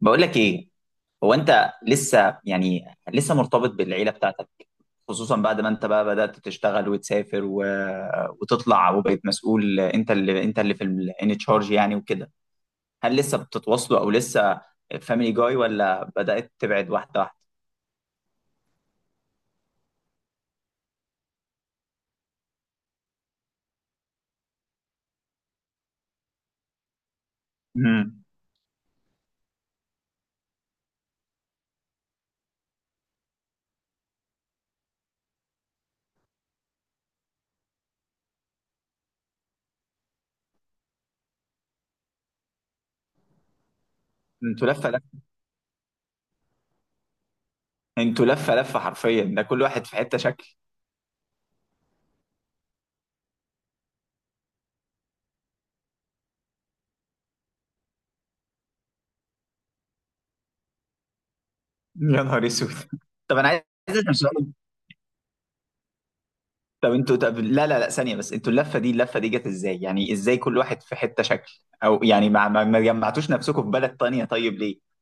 بقول لك ايه؟ هو انت لسه يعني لسه مرتبط بالعيله بتاعتك؟ خصوصا بعد ما انت بقى بدات تشتغل وتسافر وتطلع، وبقيت مسؤول، انت اللي في ان تشارج يعني وكده. هل لسه بتتواصلوا، او لسه فاميلي جاي، ولا بدات تبعد واحده واحده؟ امم. انتوا لفه لفه انتوا لفه لفه حرفيا، ده كل واحد في حته شكل. يا نهار اسود! طب انا عايز اسال سؤال. طب لا لا لا، ثانية بس، انتوا اللفة دي جت ازاي؟ يعني ازاي كل واحد في حتة شكل؟ او يعني ما جمعتوش نفسكم في بلد تانية، طيب ليه؟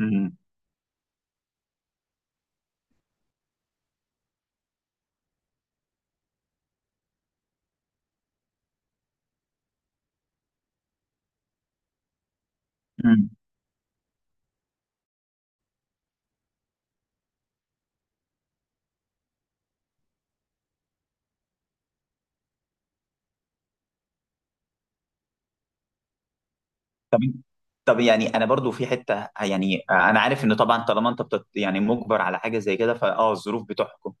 امم. امم. طب طب يعني انا برضو في حتة، يعني انا عارف ان طبعا طالما انت يعني مجبر على حاجة زي كده، فاه الظروف بتحكم.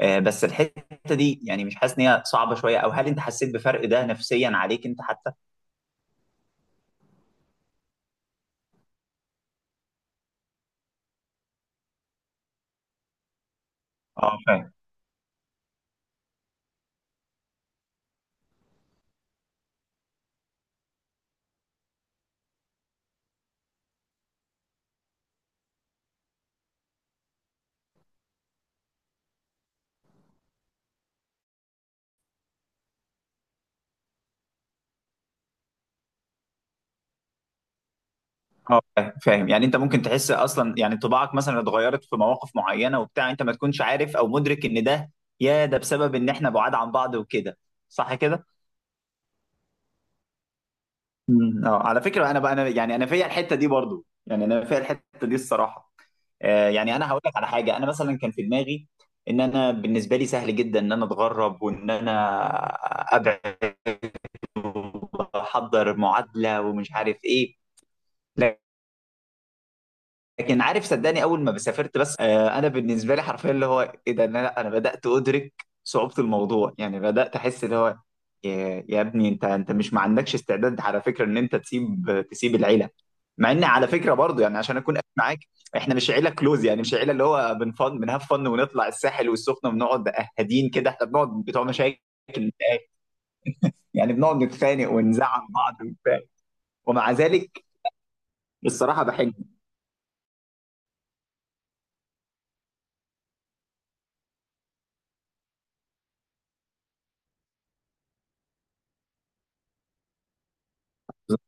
آه، بس الحتة دي يعني مش حاسس ان هي صعبة شوية، او هل انت حسيت بفرق ده نفسيا عليك انت حتى؟ اه، فاهم. اه، فاهم فاهم. يعني انت ممكن تحس اصلا، يعني طباعك مثلا اتغيرت في مواقف معينه وبتاع، انت ما تكونش عارف او مدرك ان ده، يا ده، بسبب ان احنا بعاد عن بعض وكده، صح كده؟ امم. اه، على فكره انا بقى، انا يعني انا فيا الحته دي برضو، يعني انا فيا الحته دي الصراحه. آه، يعني انا هقول لك على حاجه. انا مثلا كان في دماغي ان انا بالنسبه لي سهل جدا ان انا اتغرب، وان انا ابعد واحضر معادله ومش عارف ايه. لكن عارف، صدقني، اول ما سافرت بس، انا بالنسبه لي حرفيا اللي هو ايه ده، إن انا، لا، انا بدات ادرك صعوبه الموضوع، يعني بدات احس اللي هو يا ابني، انت مش ما عندكش استعداد على فكره ان انت تسيب العيله. مع ان على فكره برضو، يعني عشان اكون قايل معاك، احنا مش عيله كلوز، يعني مش عيله اللي هو بنفن بنهاف فن ونطلع الساحل والسخنه ونقعد قاعدين كده، احنا بنقعد بتوع مشاكل، يعني بنقعد نتخانق ونزعل بعض وبتاع، ومع ذلك الصراحه بحب.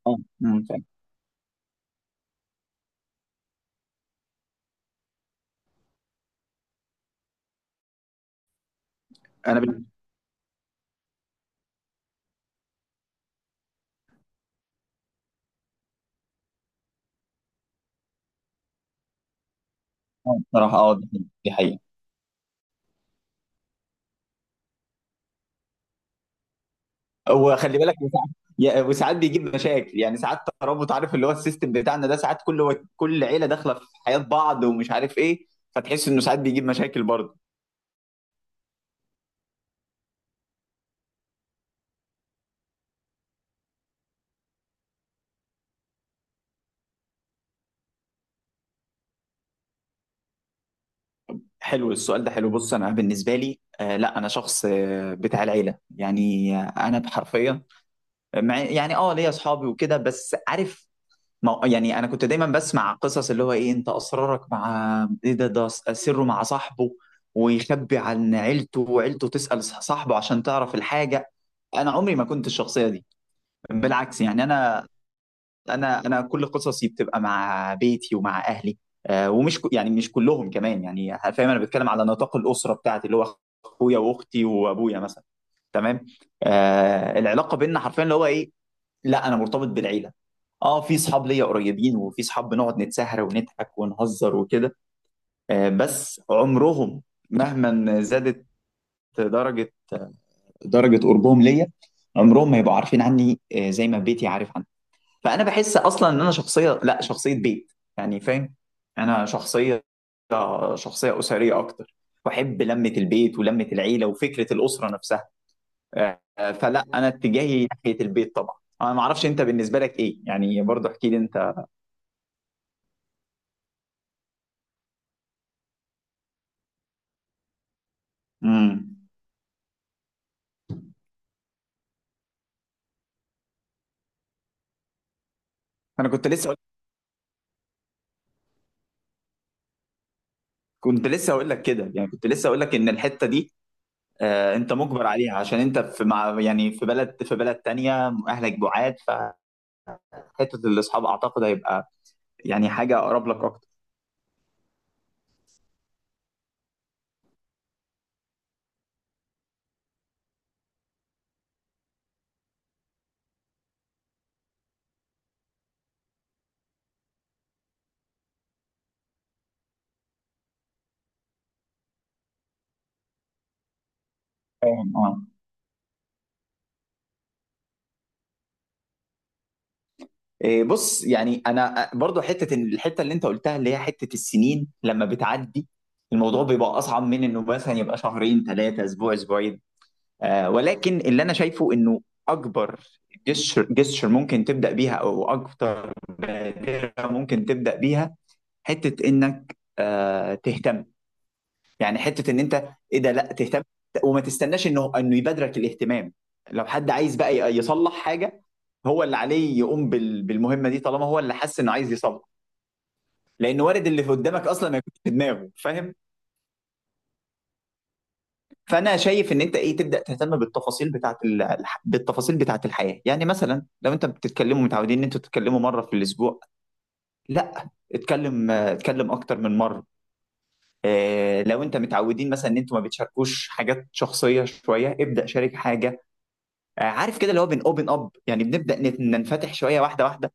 آه، أمم، فاهم. انا بصراحة اه دي حقيقة دي حقيقة. وخلي بالك، وساعات، وساعات بيجيب مشاكل، يعني ساعات ترابط، عارف اللي هو السيستم بتاعنا ده، ساعات كل عيلة داخلة في حياة بعض ومش عارف ايه، فتحس انه ساعات بيجيب مشاكل برضه. حلو السؤال ده، حلو. بص انا بالنسبة لي، آه لا، انا شخص، آه، بتاع العيلة يعني، آه، انا بحرفية مع، يعني اه، ليا اصحابي وكده، بس عارف، ما هو- يعني انا كنت دايما بسمع قصص اللي هو ايه، انت اسرارك مع ايه، ده سره مع صاحبه، ويخبي عن عيلته وعيلته تسأل صاحبه عشان تعرف الحاجة. انا عمري ما كنت الشخصية دي، بالعكس يعني انا، انا كل قصصي بتبقى مع بيتي ومع اهلي. آه، ومش يعني مش كلهم كمان، يعني فاهم، انا بتكلم على نطاق الأسرة بتاعتي، اللي هو اخويا واختي وابويا مثلا. تمام. آه، العلاقة بيننا حرفيا اللي هو ايه، لا انا مرتبط بالعيله. اه، في صحاب ليا قريبين، وفي صحاب بنقعد نتسهر ونضحك ونهزر وكده، آه بس عمرهم، مهما زادت درجه درجه قربهم ليا، عمرهم ما يبقوا عارفين عني آه زي ما بيتي عارف عني. فانا بحس اصلا ان انا شخصيه، لا، شخصيه بيت، يعني فاهم. انا شخصيه اسريه اكتر، بحب لمه البيت ولمه العيله وفكره الاسره نفسها. فلا انا اتجاهي ناحيه البيت طبعا. انا ما اعرفش انت بالنسبه لك ايه، يعني برضه احكي لي انت. امم. انا كنت لسه أقول- كنت لسه هقول لك كده، يعني كنت لسه هقول لك ان الحته دي، آه، انت مجبر عليها عشان انت في مع يعني في بلد تانية، اهلك بعاد. فحته الاصحاب اعتقد هيبقى يعني حاجه اقرب لك اكتر. فاهم اه. إيه، بص يعني انا، برضو حته الحته اللي انت قلتها اللي هي حته السنين لما بتعدي، الموضوع بيبقى اصعب من انه مثلا يبقى شهرين ثلاثه اسبوع اسبوعين. آه، ولكن اللي انا شايفه انه اكبر جسر ممكن تبدا بيها، او اكتر بادره ممكن تبدا بيها، حته انك تهتم. يعني حته ان انت، ايه ده، لا تهتم، وما تستناش انه يبادرك الاهتمام. لو حد عايز بقى يصلح حاجه، هو اللي عليه يقوم بالمهمه دي، طالما هو اللي حس انه عايز يصلح. لان وارد اللي في قدامك اصلا ما يكونش في دماغه، فاهم. فانا شايف ان انت ايه، تبدا تهتم بالتفاصيل بتاعه الحياه. يعني مثلا لو انت بتتكلموا متعودين ان انتوا تتكلموا مره في الاسبوع، لا، اتكلم اكتر من مره. آه، لو انت متعودين مثلا ان انتوا ما بتشاركوش حاجات شخصيه شويه، ابدا شارك حاجه. آه، عارف كده اللي هو بن اوبن اب، يعني بنبدا ننفتح شويه واحده واحده.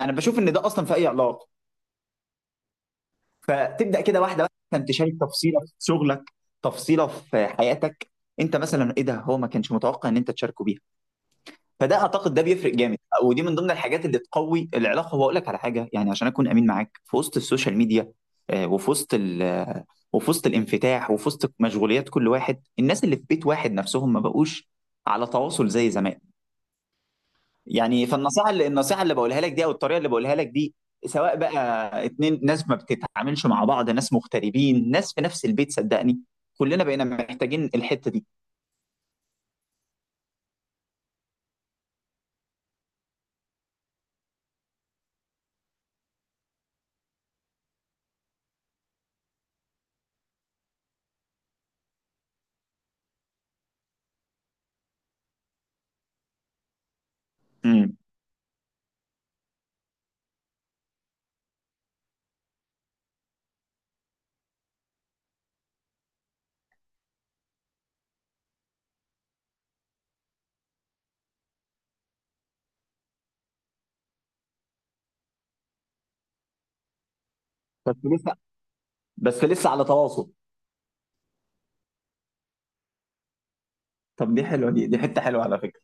انا بشوف ان ده اصلا في اي علاقه. فتبدا كده واحده واحده، انت تشارك تفصيله في شغلك، تفصيله في حياتك، انت مثلا ايه ده هو ما كانش متوقع ان انت تشاركه بيها. فده اعتقد ده بيفرق جامد، ودي من ضمن الحاجات اللي تقوي العلاقه. واقول لك على حاجه، يعني عشان اكون امين معاك، في وسط السوشيال ميديا، آه، وفي وسط وفي وسط الانفتاح، وفي وسط مشغوليات كل واحد، الناس اللي في بيت واحد نفسهم ما بقوش على تواصل زي زمان. يعني فالنصيحه اللي بقولها لك دي، او الطريقه اللي بقولها لك دي، سواء بقى اتنين ناس ما بتتعاملش مع بعض، ناس مغتربين، ناس في نفس البيت، صدقني كلنا بقينا محتاجين الحته دي. امم. بس لسه بس لسه على تواصل. طب دي حلوه، دي حته حلوه على فكره.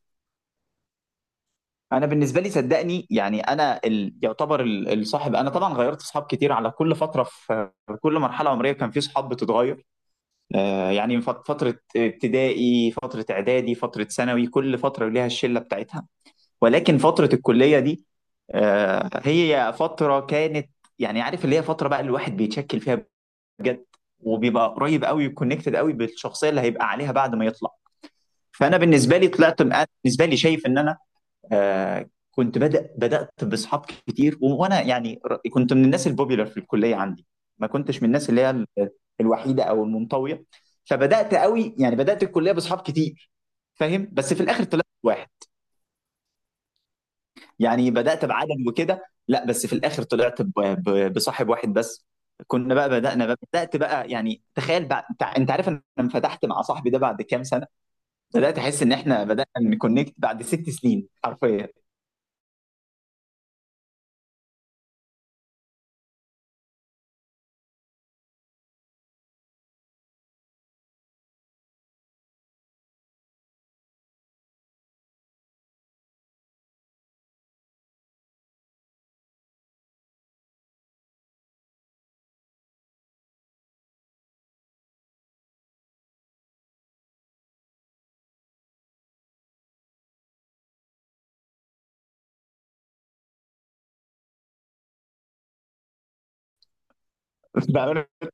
انا بالنسبه لي صدقني، يعني انا يعتبر الصاحب، انا طبعا غيرت صحاب كتير، على كل فتره، في كل مرحله عمريه كان في صحاب بتتغير. آه، يعني من فتره ابتدائي، فتره اعدادي، فتره ثانوي، كل فتره ليها الشله بتاعتها. ولكن فتره الكليه دي، آه، هي فتره كانت، يعني عارف اللي هي فتره بقى الواحد بيتشكل فيها بجد، وبيبقى قريب قوي، كونكتد قوي بالشخصيه اللي هيبقى عليها بعد ما يطلع. فانا بالنسبه لي طلعت، أنا بالنسبه لي شايف ان انا، آه، كنت بدأت بأصحاب كتير، وأنا يعني كنت من الناس البوبيلر في الكلية عندي، ما كنتش من الناس اللي هي الوحيدة أو المنطوية. فبدأت قوي، يعني بدأت الكلية بأصحاب كتير فاهم، بس في الآخر طلعت واحد. يعني بدأت بعدد وكده، لا بس في الآخر طلعت بصاحب واحد بس. كنا بقى بدأنا بقى، بدأت بقى يعني، تخيل بقى انت، أنت عارف انا انفتحت مع صاحبي ده بعد كام سنة؟ بدأت احس ان احنا بدأنا نكونكت بعد 6 سنين حرفيا.